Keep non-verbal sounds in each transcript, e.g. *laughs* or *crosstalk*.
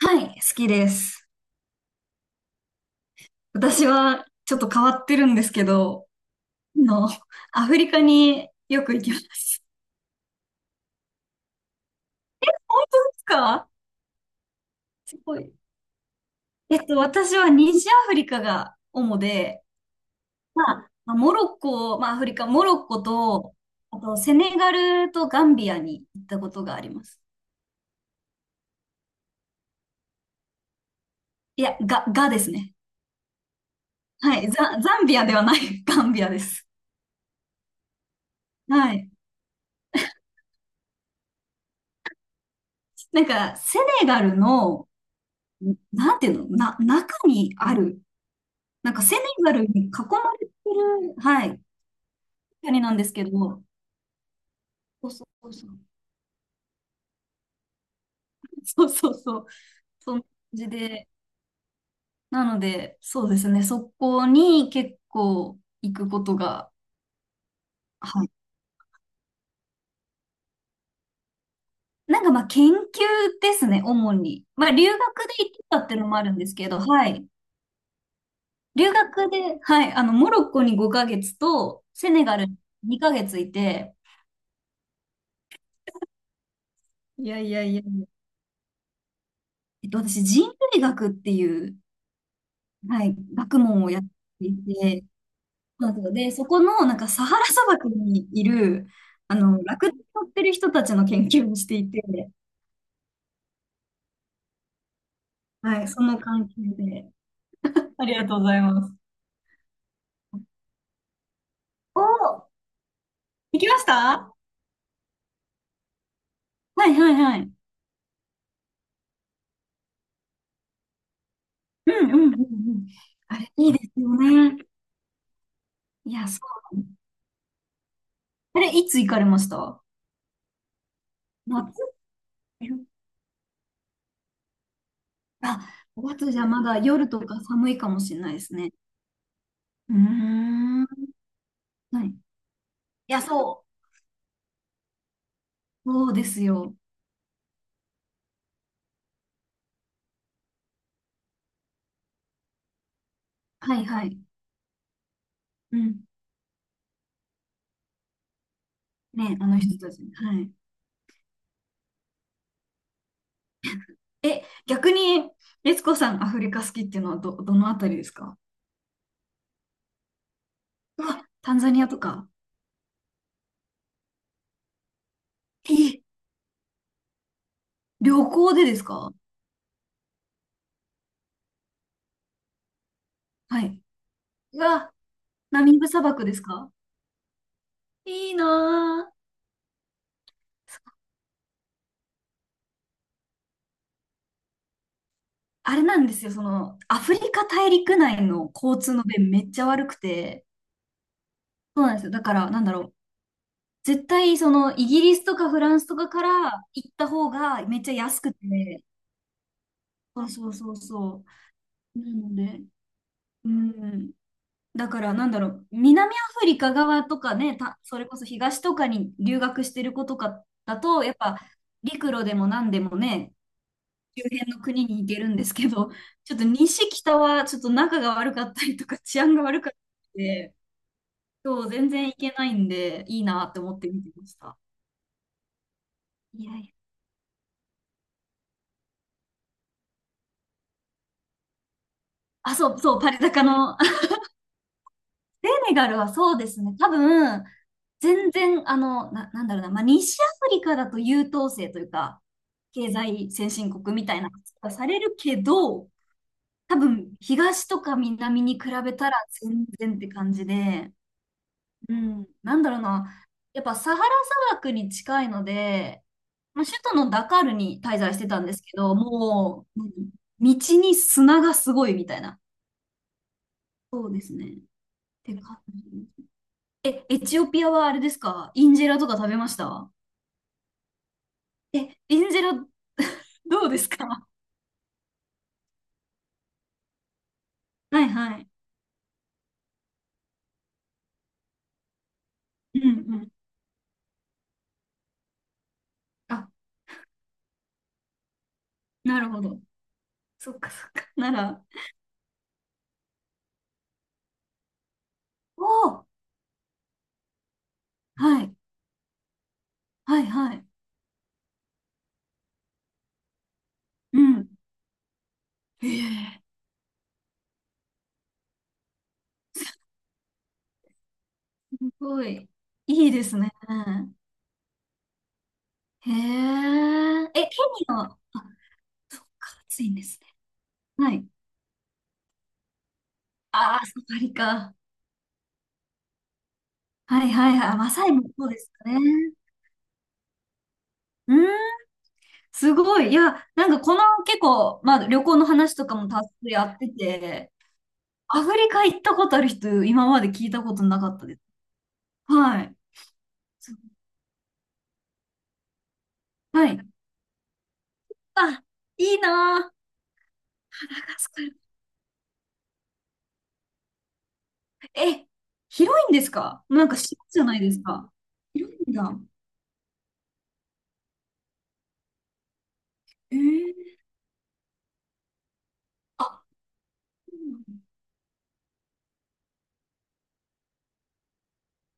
はい、好きです。私はちょっと変わってるんですけど、あの、アフリカによく行きます。*laughs* 本当ですか？すごい。私は西アフリカが主で、まあモロッコ、まあ、アフリカ、モロッコと、あと、セネガルとガンビアに行ったことがあります。いや、ガですね。はい、ザンビアではない、*laughs* ガンビアです。はい。なんか、セネガルの、なんていうの、中にある、なんかセネガルに囲まれてる、はい、国なんですけど、そうそうそう、そうそうそう、そんな感じで、なので、そうですね、そこに結構行くことが、はい。なんかまあ研究ですね、主に。まあ留学で行ってたっていうのもあるんですけど、はい。留学で、はい、モロッコに5ヶ月と、セネガルに2ヶ月いて、いやいやいや、私、人類学っていう、はい、学問をやっていて、そうなんですよ、でそこのなんかサハラ砂漠にいる、ラクダに乗ってる人たちの研究をしていて、はい、その関係で。ありがとうございます。おー、行きました？はいはいはい。うんうんうんうん。あれ、いいですよね。いや、そうなの。あれ、いつ行かれました？夏？あ、5月じゃまだ夜とか寒いかもしれないですね。うーん。はいい。や、そう。そうですよ。はいはい。うん。ね、あの人たち。はい。え、逆に、律子さん、アフリカ好きっていうのはどのあたりですか？うわ、タンザニアとか。え、旅行でですか？はい。うわ、ナミブ砂漠ですか？いいなぁ。あれなんですよ、その、アフリカ大陸内の交通の便めっちゃ悪くて、そうなんですよ。だから、なんだろう。絶対、その、イギリスとかフランスとかから行った方がめっちゃ安くて、そうそうそうそう。なので、うん。だからなんだろう、南アフリカ側とかね、それこそ東とかに留学してる子とかだと、やっぱ陸路でも何でもね、周辺の国に行けるんですけど、*laughs* ちょっと西北はちょっと仲が悪かったりとか治安が悪かったりで、そう、全然行けないんで、いいなって思って見てました。いやいや。あ、そうそう、パリ高の、ネガルはそうですね。多分、全然、なんだろうな、まあ、西アフリカだと優等生というか、経済先進国みたいな扱いされるけど、多分、東とか南に比べたら全然って感じで、うん、なんだろうな、やっぱサハラ砂漠に近いので、まあ、首都のダカールに滞在してたんですけど、もう、うん、道に砂がすごいみたいな。そうですね。って感じ。え、エチオピアはあれですか？インジェラとか食べました？え、インジェラどうですか？ *laughs* はいはい。うんうん。あ、なるほど。そっかそっか。なら。おお、はい。はいはい。うん。へえ、すごい。いいですね。へえ。え、ケニアは、あ、そっか、暑いんですね。はい。ああ、サファリか。はいはいはい。マサイもそうですかね。うん。すごい。いや、なんかこの結構、まあ旅行の話とかもたっぷりやってて、アフリカ行ったことある人、今まで聞いたことなかったです。はい。そう、はい。あ、いいなぁ。カスカル、え、広いんですか？なんか島じゃないですか。広いんだ。えー、あ、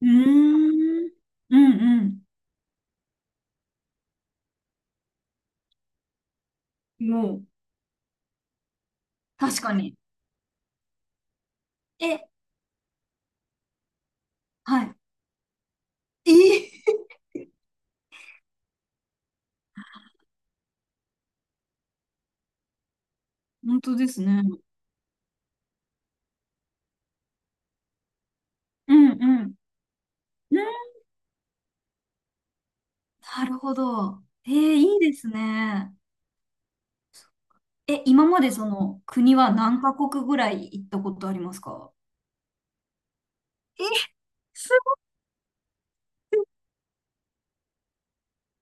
うーん。うんうん。もう、確かに。え、はい。えー、本当ですね。うんうん。なるほど。えー、いいですね。え、今までその国は何カ国ぐらい行ったことありますか？え、すご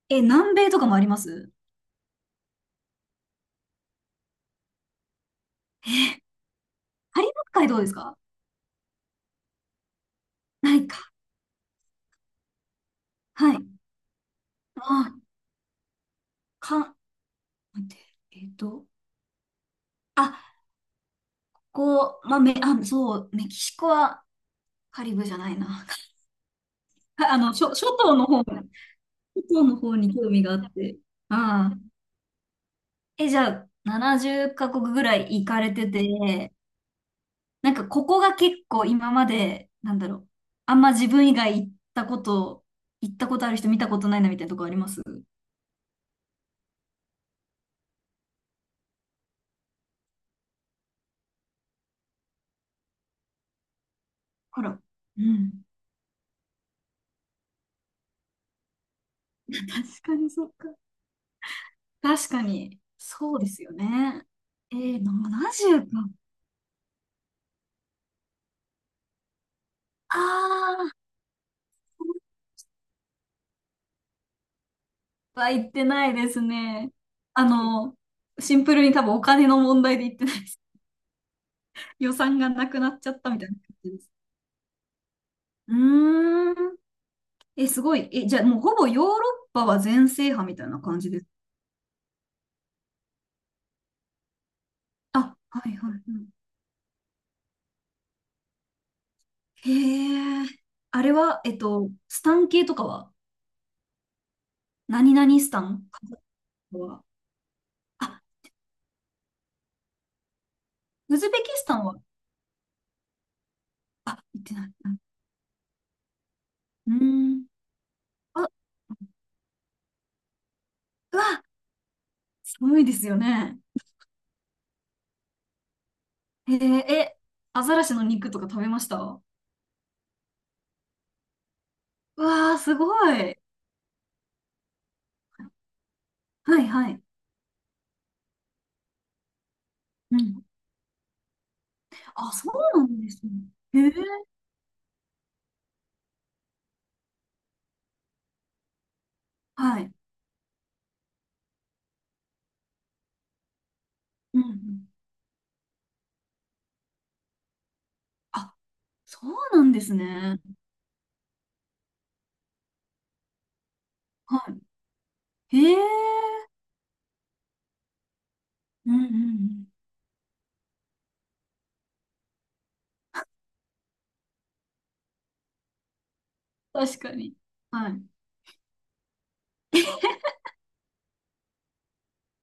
い。え、南米とかもあります？カリブ海どうですか？ないか。はい。あ、か、待って、えっと、あ、こう、まあ、め、あ、そう、メキシコはカリブじゃないな。*laughs* 諸島の方、諸島の方に興味があって。ああ。え、じゃあ、70カ国ぐらい行かれてて、なんかここが結構今まで、なんだろう、あんま自分以外行ったこと、行ったことある人見たことないなみたいなとこあります？ほら。うん。確かにそっか。確かに。そうですよね。えー、70か。ああ、は行ってないですね。あの、シンプルに多分お金の問題で行ってないです。*laughs* 予算がなくなっちゃったみたいな感じです。うーん。え、すごい。え、じゃあもうほぼヨーロッパは全制覇みたいな感じです？あ、はいはい。うん、へえ。あれは、スタン系とかは何々スタン、カザフは？あ、ウズベキスタンは？あ、行ってない。うん。うーん、あ、うわ、寒いですよね。へえ、え、アザラシの肉とか食べました？うわー、すごい。はいはい。うん。あ、そうなんですね。へえ、はい。うんうん。あ、そうなんですね。はい。へえ。うんうんうん。確かに。はい。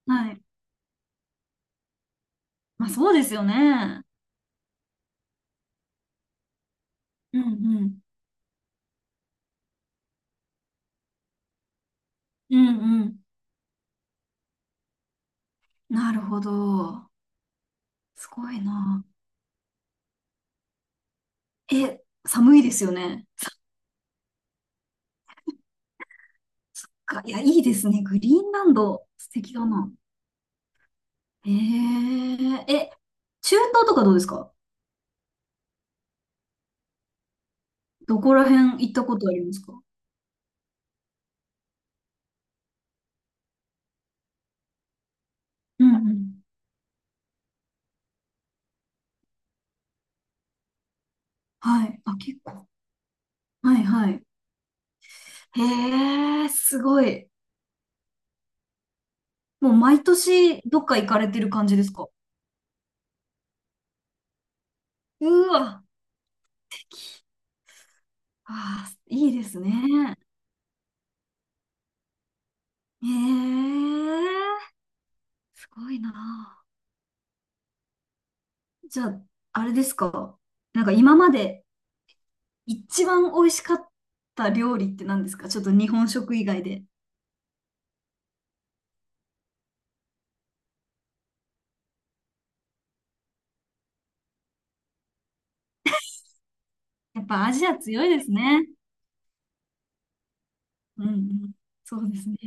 はい。まあそうですよね。うんうん。うんうん。なるほど。すごいな。え、寒いですよね。か、いや、いいですね。グリーンランド、素敵だな。えー、え、中東とかどうですか？どこら辺行ったことありますか？うんうん。はい。あ、結構。はいはい。へえ、すごい。もう毎年どっか行かれてる感じですか？うわ。あー、いいですね。へえ、すごいな。じゃあ、あれですか。なんか今まで一番美味しかった料理って何ですか？ちょっと日本食以外で。やっぱアジア強いですね。うんうん。そうですね。